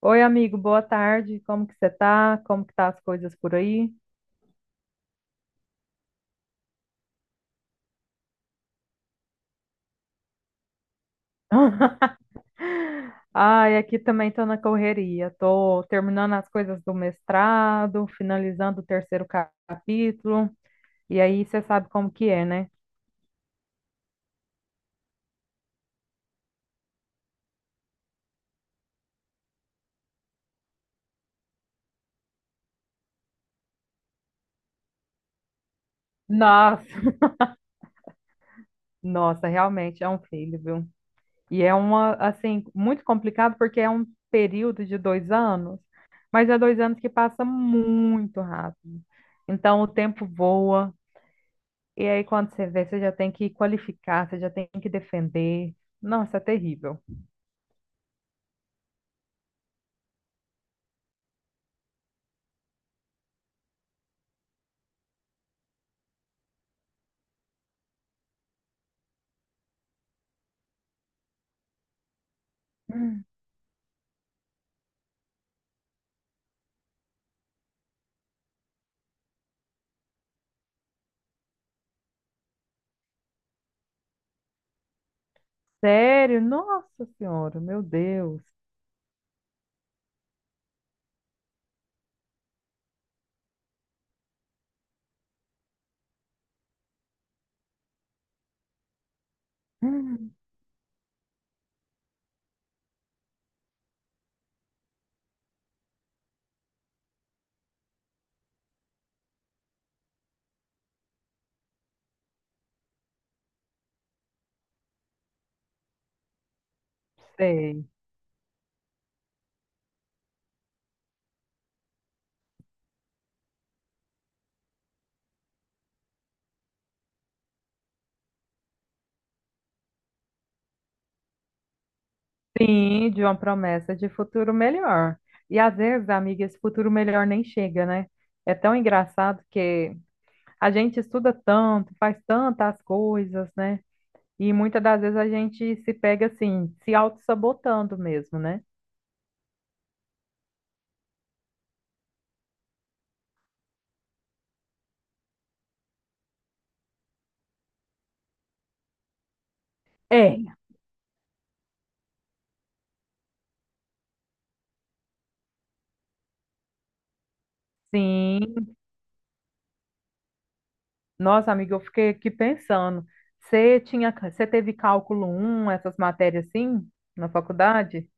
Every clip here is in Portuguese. Oi, amigo, boa tarde. Como que você tá? Como que tá as coisas por aí? Ai, aqui também tô na correria. Tô terminando as coisas do mestrado, finalizando o capítulo. E aí você sabe como que é, né? Nossa, nossa, realmente é um filho, viu? E é muito complicado porque é um período de 2 anos, mas é 2 anos que passa muito rápido. Então o tempo voa. E aí, quando você vê, você já tem que qualificar, você já tem que defender. Nossa, é terrível. Sério? Nossa Senhora, meu Deus. Hum. Sei. Sim, de uma promessa de futuro melhor. E às vezes, amiga, esse futuro melhor nem chega, né? É tão engraçado que a gente estuda tanto, faz tantas coisas, né? E muitas das vezes a gente se pega assim, se auto-sabotando mesmo, né? É. Sim. Nossa, amiga, eu fiquei aqui pensando. Você teve cálculo 1, essas matérias assim, na faculdade?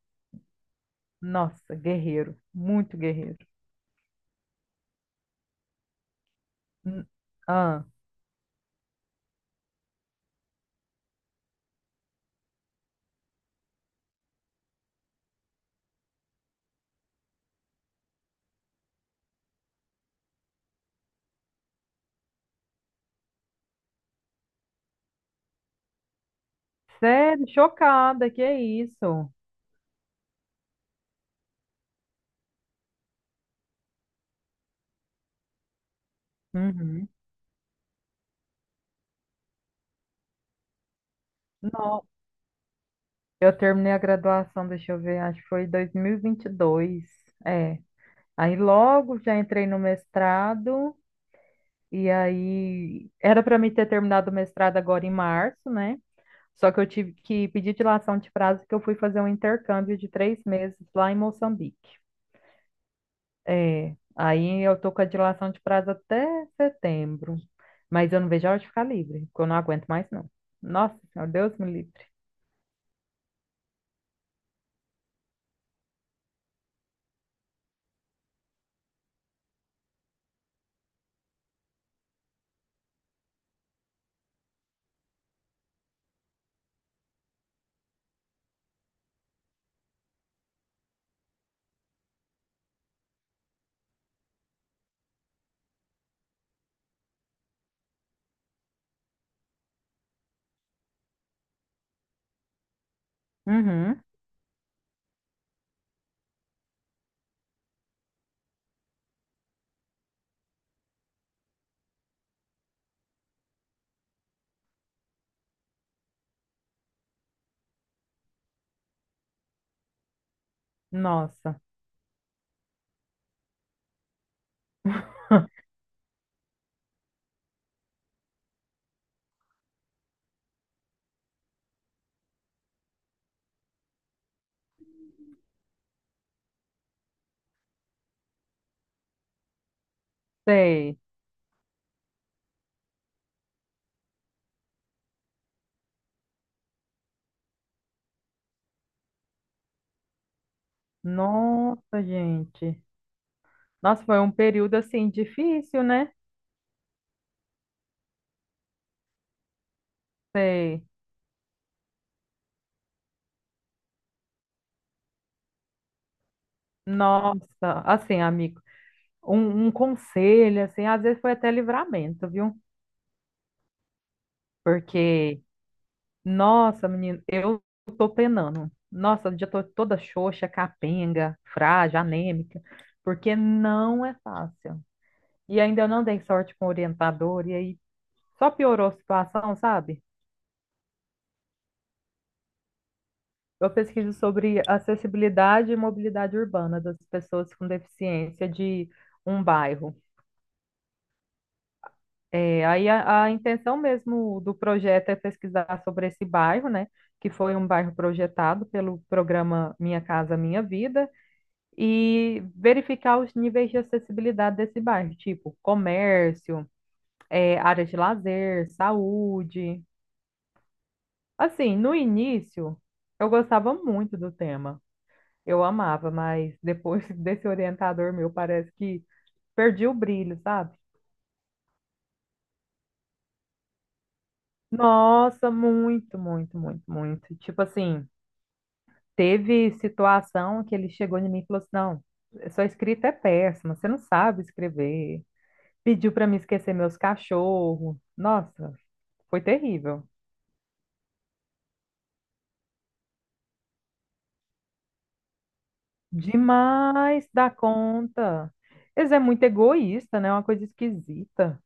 Nossa, guerreiro, muito guerreiro. Hum. Ah, sério, chocada, que é isso? Uhum. Não, eu terminei a graduação, deixa eu ver, acho que foi 2022. É. Aí logo já entrei no mestrado e aí era para mim ter terminado o mestrado agora em março, né? Só que eu tive que pedir dilação de prazo porque eu fui fazer um intercâmbio de 3 meses lá em Moçambique. É, aí eu tô com a dilação de prazo até setembro, mas eu não vejo a hora de ficar livre, porque eu não aguento mais não. Nossa, meu Deus me livre. Uhum. Nossa. Sei. Nossa, gente. Nossa, foi um período assim difícil, né? Sei. Nossa, assim, amigo, um conselho, assim, às vezes foi até livramento, viu? Porque nossa, menino, eu tô penando. Nossa, eu já tô toda xoxa, capenga, frágil, anêmica, porque não é fácil. E ainda eu não dei sorte com o orientador, e aí só piorou a situação, sabe? Eu pesquiso sobre acessibilidade e mobilidade urbana das pessoas com deficiência de um bairro. É, aí a intenção mesmo do projeto é pesquisar sobre esse bairro, né? Que foi um bairro projetado pelo programa Minha Casa Minha Vida e verificar os níveis de acessibilidade desse bairro, tipo comércio, áreas de lazer, saúde. Assim, no início, eu gostava muito do tema, eu amava, mas depois desse orientador meu, parece que perdi o brilho, sabe? Nossa, muito, muito, muito, muito. Tipo assim, teve situação que ele chegou em mim e falou assim: não, sua escrita é péssima, você não sabe escrever. Pediu para me esquecer meus cachorros. Nossa, foi terrível. Demais da conta. Eles é muito egoísta, né? É uma coisa esquisita.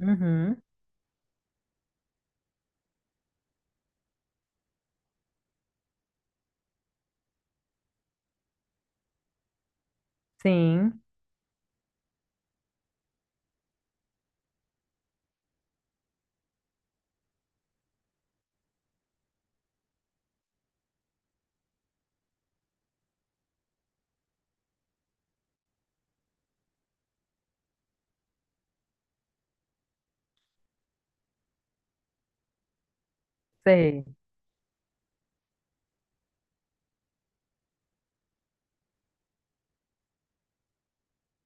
Uhum. Sim, sei.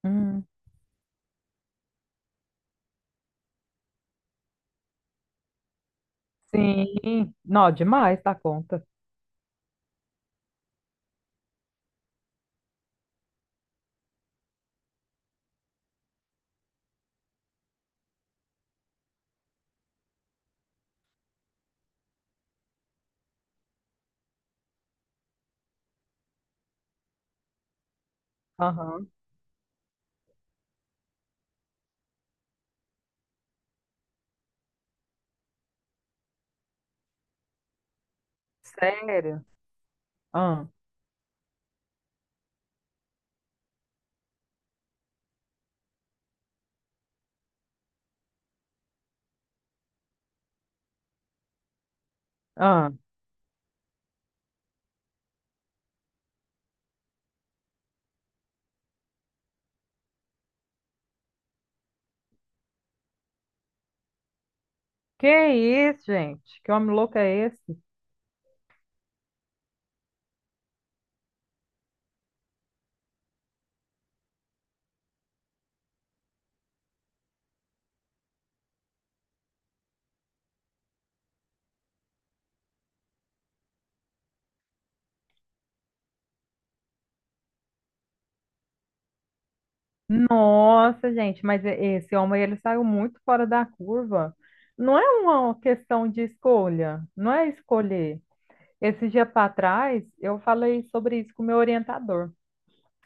Hum. Sim. Não, demais da conta. Aham. Sério? Ah, ah. Que isso, gente? Que homem louco é esse? Nossa, gente, esse homem ele saiu muito fora da curva. Não é uma questão de escolha, não é escolher. Esse dia para trás, eu falei sobre isso com o meu orientador.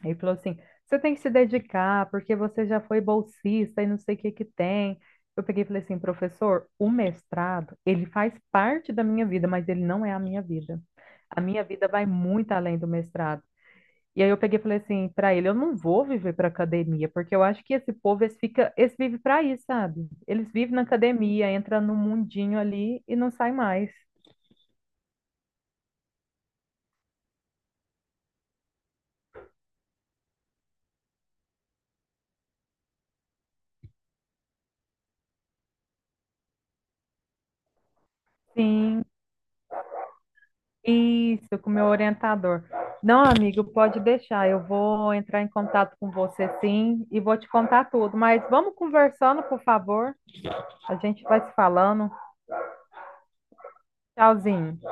Ele falou assim: você tem que se dedicar, porque você já foi bolsista e não sei o que que tem. Eu peguei e falei assim: professor, o mestrado, ele faz parte da minha vida, mas ele não é a minha vida. A minha vida vai muito além do mestrado. E aí eu peguei e falei assim para ele: eu não vou viver para academia, porque eu acho que esse povo, eles fica, eles vivem para isso, sabe? Eles vivem na academia, entra no mundinho ali e não sai mais. Sim. Isso, com o meu orientador. Não, amigo, pode deixar. Eu vou entrar em contato com você sim e vou te contar tudo. Mas vamos conversando, por favor. A gente vai se falando. Tchauzinho.